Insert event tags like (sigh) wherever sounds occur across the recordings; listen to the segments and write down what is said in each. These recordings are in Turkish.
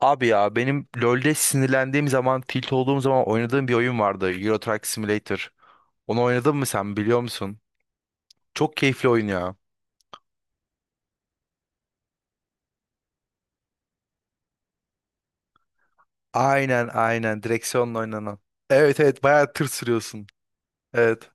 Abi ya benim LoL'de sinirlendiğim zaman, tilt olduğum zaman oynadığım bir oyun vardı. Euro Truck Simulator. Onu oynadın mı, sen biliyor musun? Çok keyifli oyun ya. Aynen, aynen, direksiyonla oynanan. Evet, evet, bayağı tır sürüyorsun. Evet.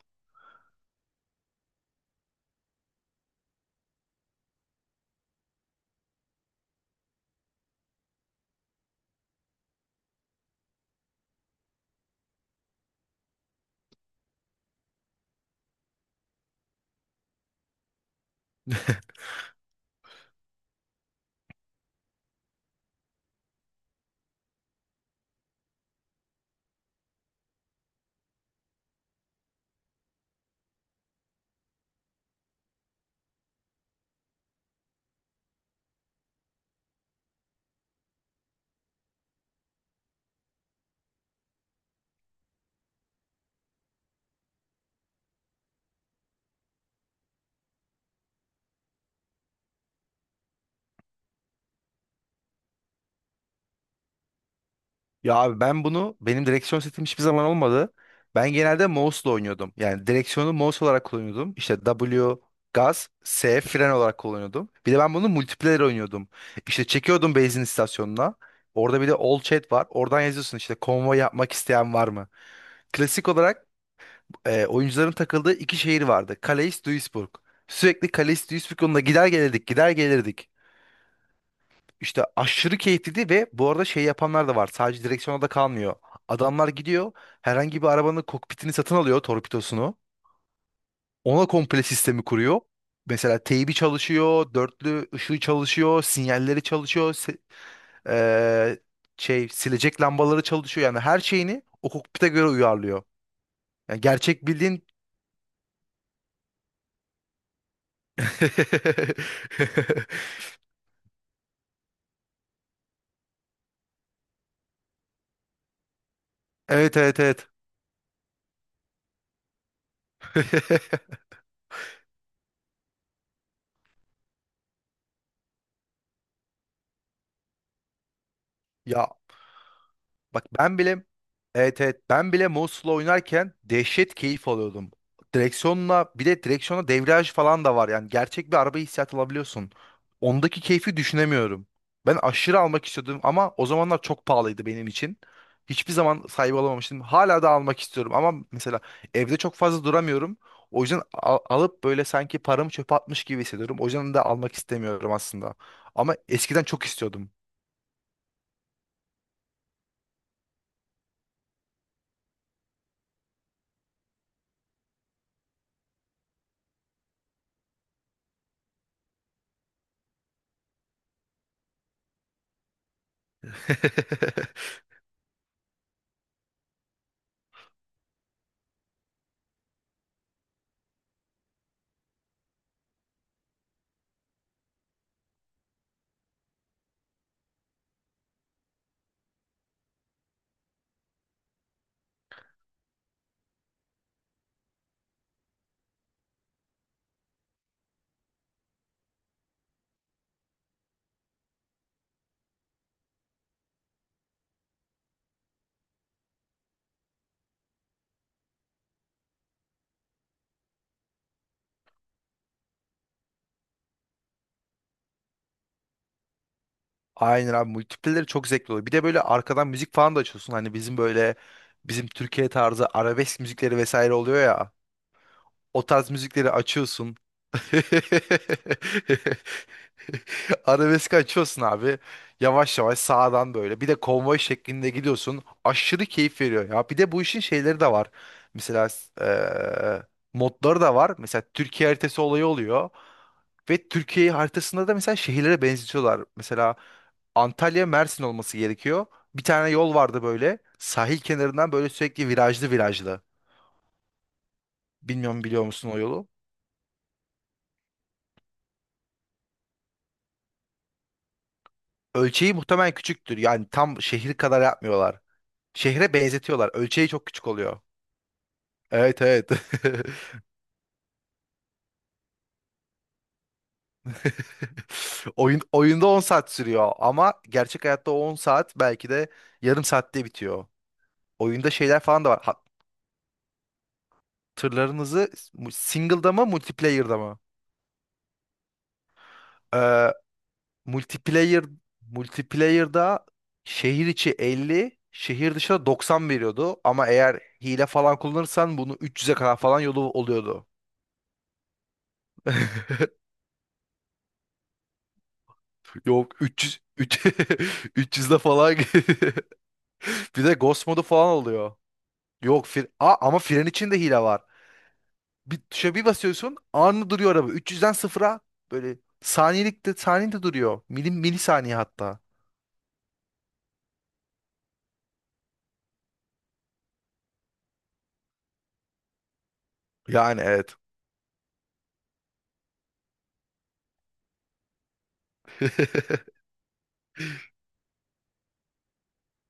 Ya abi, ben bunu, benim direksiyon setim hiçbir zaman olmadı. Ben genelde mouse'la oynuyordum. Yani direksiyonu mouse olarak kullanıyordum. İşte W gaz, S fren olarak kullanıyordum. Bir de ben bunu multiplayer oynuyordum. İşte çekiyordum benzin istasyonuna. Orada bir de all chat var. Oradan yazıyorsun, işte konvoy yapmak isteyen var mı? Klasik olarak, oyuncuların takıldığı iki şehir vardı. Calais, Duisburg. Sürekli Calais, Duisburg yolunda gider gelirdik, gider gelirdik. İşte aşırı keyifliydi ve bu arada şey yapanlar da var. Sadece direksiyona da kalmıyor. Adamlar gidiyor, herhangi bir arabanın kokpitini satın alıyor, torpidosunu. Ona komple sistemi kuruyor. Mesela teybi çalışıyor, dörtlü ışığı çalışıyor, sinyalleri çalışıyor, eee, şey silecek lambaları çalışıyor. Yani her şeyini o kokpite göre uyarlıyor. Yani gerçek bildiğin... (laughs) Evet, evet, evet. (laughs) Ya, bak, ben bile, evet, evet, ben bile Mouse'la oynarken dehşet keyif alıyordum. Direksiyonla, bir de direksiyona debriyaj falan da var. Yani gerçek bir araba hissiyatı alabiliyorsun. Ondaki keyfi düşünemiyorum. Ben aşırı almak istiyordum ama o zamanlar çok pahalıydı benim için. Hiçbir zaman sahibi olamamıştım. Hala da almak istiyorum ama mesela evde çok fazla duramıyorum. O yüzden alıp böyle sanki paramı çöpe atmış gibi hissediyorum. O yüzden de almak istemiyorum aslında. Ama eskiden çok istiyordum. (laughs) Aynen abi, multipleleri çok zevkli oluyor. Bir de böyle arkadan müzik falan da açıyorsun. Hani bizim Türkiye tarzı arabesk müzikleri vesaire oluyor ya. O tarz müzikleri açıyorsun. (laughs) Arabesk açıyorsun abi. Yavaş yavaş sağdan böyle. Bir de konvoy şeklinde gidiyorsun. Aşırı keyif veriyor ya. Bir de bu işin şeyleri de var. Mesela eee modları da var. Mesela Türkiye haritası olayı oluyor. Ve Türkiye haritasında da mesela şehirlere benzetiyorlar. Mesela Antalya Mersin olması gerekiyor. Bir tane yol vardı böyle, sahil kenarından böyle sürekli virajlı virajlı. Bilmiyorum, biliyor musun o yolu? Ölçeği muhtemelen küçüktür. Yani tam şehir kadar yapmıyorlar. Şehre benzetiyorlar. Ölçeği çok küçük oluyor. Evet, evet. (laughs) Oyunda 10 saat sürüyor ama gerçek hayatta o 10 saat belki de yarım saatte bitiyor. Oyunda şeyler falan da var. Tırlarınızı single'da mı, multiplayer'da mı? Ee, multiplayer multiplayer'da şehir içi 50, şehir dışına 90 veriyordu ama eğer hile falan kullanırsan bunu 300'e kadar falan yolu oluyordu. (laughs) Yok, 300 (laughs) 300'de falan, (laughs) bir de Ghost modu falan oluyor. Yok fir A, ama fren içinde hile var. Bir tuşa bir basıyorsun, anında duruyor araba. 300'den sıfıra böyle saniyelikte, saniyede duruyor. Milim, milisaniye hatta. Yani evet.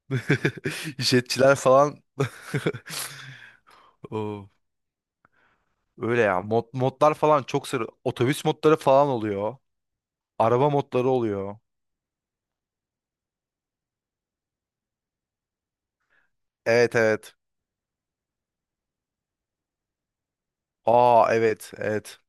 (laughs) İşletçiler falan. (laughs) Oo, öyle ya. Modlar falan çok sarı. Otobüs modları falan oluyor. Araba modları oluyor. Evet, evet. Aa, evet, evet.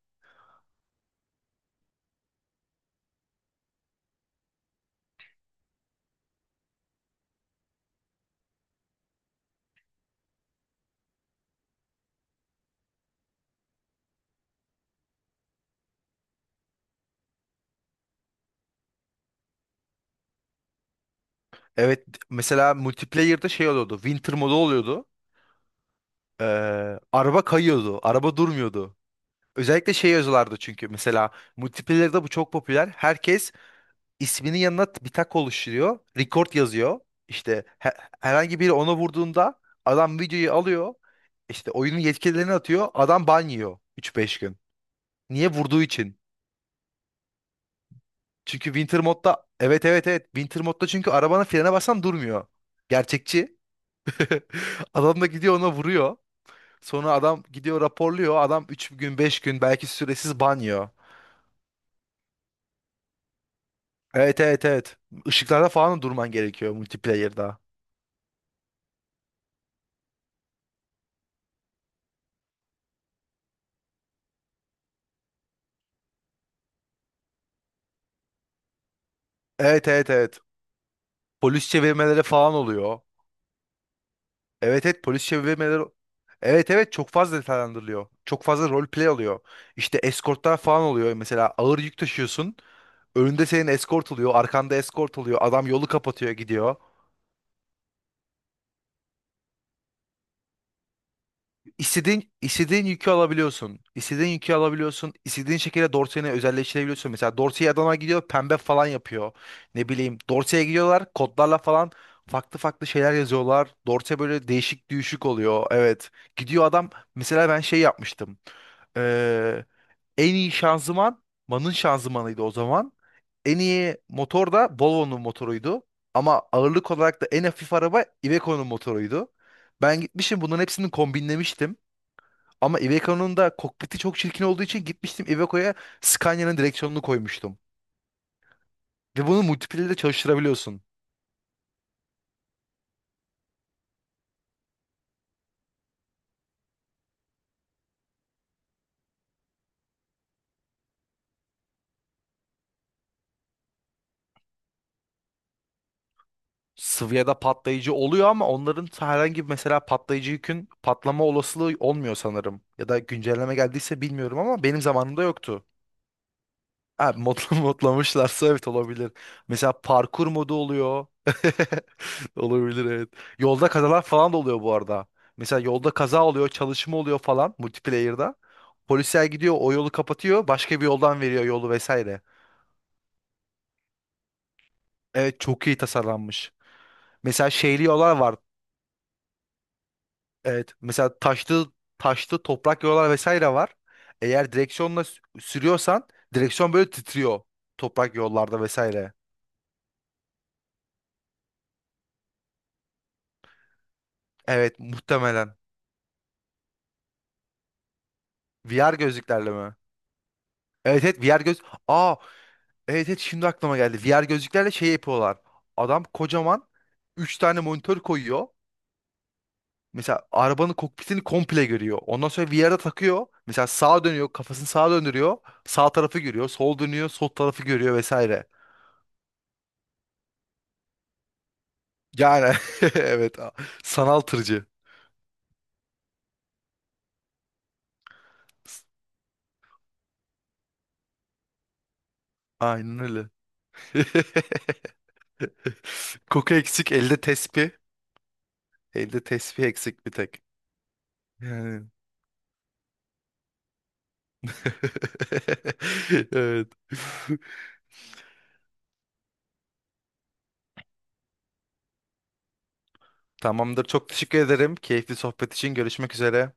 Evet, mesela multiplayer'da şey oluyordu. Winter modu oluyordu. Araba kayıyordu. Araba durmuyordu. Özellikle şey yazıyorlardı çünkü mesela multiplayer'da bu çok popüler. Herkes isminin yanına bir tak oluşturuyor. Record yazıyor. İşte herhangi biri ona vurduğunda adam videoyu alıyor. İşte oyunun yetkililerine atıyor. Adam ban yiyor 3-5 gün. Niye? Vurduğu için. Çünkü Winter modda, evet, evet, evet, Winter modda, çünkü arabanın frene basan durmuyor. Gerçekçi. (laughs) Adam da gidiyor ona vuruyor. Sonra adam gidiyor raporluyor. Adam 3 gün 5 gün belki süresiz banyo. Evet, evet, evet. Işıklarda falan da durman gerekiyor multiplayer'da. Evet, evet, evet. Polis çevirmeleri falan oluyor. Evet, evet, polis çevirmeleri... Evet, evet, çok fazla detaylandırılıyor. Çok fazla roleplay oluyor. İşte eskortlar falan oluyor. Mesela ağır yük taşıyorsun. Önünde senin eskort oluyor. Arkanda eskort oluyor. Adam yolu kapatıyor gidiyor. İstediğin yükü alabiliyorsun. İstediğin yükü alabiliyorsun. İstediğin şekilde Dorsey'ini özelleştirebiliyorsun. Mesela Dorsey Adana gidiyor, pembe falan yapıyor. Ne bileyim, Dorsey'e gidiyorlar kodlarla falan, farklı farklı şeyler yazıyorlar. Dorsey böyle değişik düşük oluyor. Evet. Gidiyor adam, mesela ben şey yapmıştım. Ee, en iyi şanzıman Man'ın şanzımanıydı o zaman. En iyi motor da Volvo'nun motoruydu. Ama ağırlık olarak da en hafif araba Iveco'nun motoruydu. Ben gitmişim, bunların hepsini kombinlemiştim. Ama Iveco'nun da kokpiti çok çirkin olduğu için gitmiştim Iveco'ya Scania'nın direksiyonunu koymuştum. Ve bunu multiple de çalıştırabiliyorsun. Svia'da patlayıcı oluyor ama onların herhangi bir, mesela patlayıcı yükün patlama olasılığı olmuyor sanırım. Ya da güncelleme geldiyse bilmiyorum ama benim zamanımda yoktu. Ha, modla- (laughs) modlamışlarsa evet olabilir. Mesela parkur modu oluyor. (laughs) Olabilir, evet. Yolda kazalar falan da oluyor bu arada. Mesela yolda kaza oluyor, çalışma oluyor falan multiplayer'da. Polisler gidiyor, o yolu kapatıyor, başka bir yoldan veriyor yolu vesaire. Evet, çok iyi tasarlanmış. Mesela şeyli yollar var. Evet. Mesela taşlı taşlı toprak yollar vesaire var. Eğer direksiyonla sürüyorsan, direksiyon böyle titriyor toprak yollarda vesaire. Evet, muhtemelen. VR gözlüklerle mi? Evet, evet, VR göz. Aa, evet, evet, şimdi aklıma geldi. VR gözlüklerle şey yapıyorlar. Adam kocaman 3 tane monitör koyuyor. Mesela arabanın kokpitini komple görüyor. Ondan sonra VR'a takıyor. Mesela sağa dönüyor, kafasını sağa döndürüyor. Sağ tarafı görüyor, sol dönüyor, sol tarafı görüyor vesaire. Yani (laughs) evet, sanal tırcı. S- Aynen öyle. (laughs) Koku eksik, elde tespih. Elde tespih eksik bir tek. Yani. (laughs) Evet. Tamamdır. Çok teşekkür ederim. Keyifli sohbet için görüşmek üzere.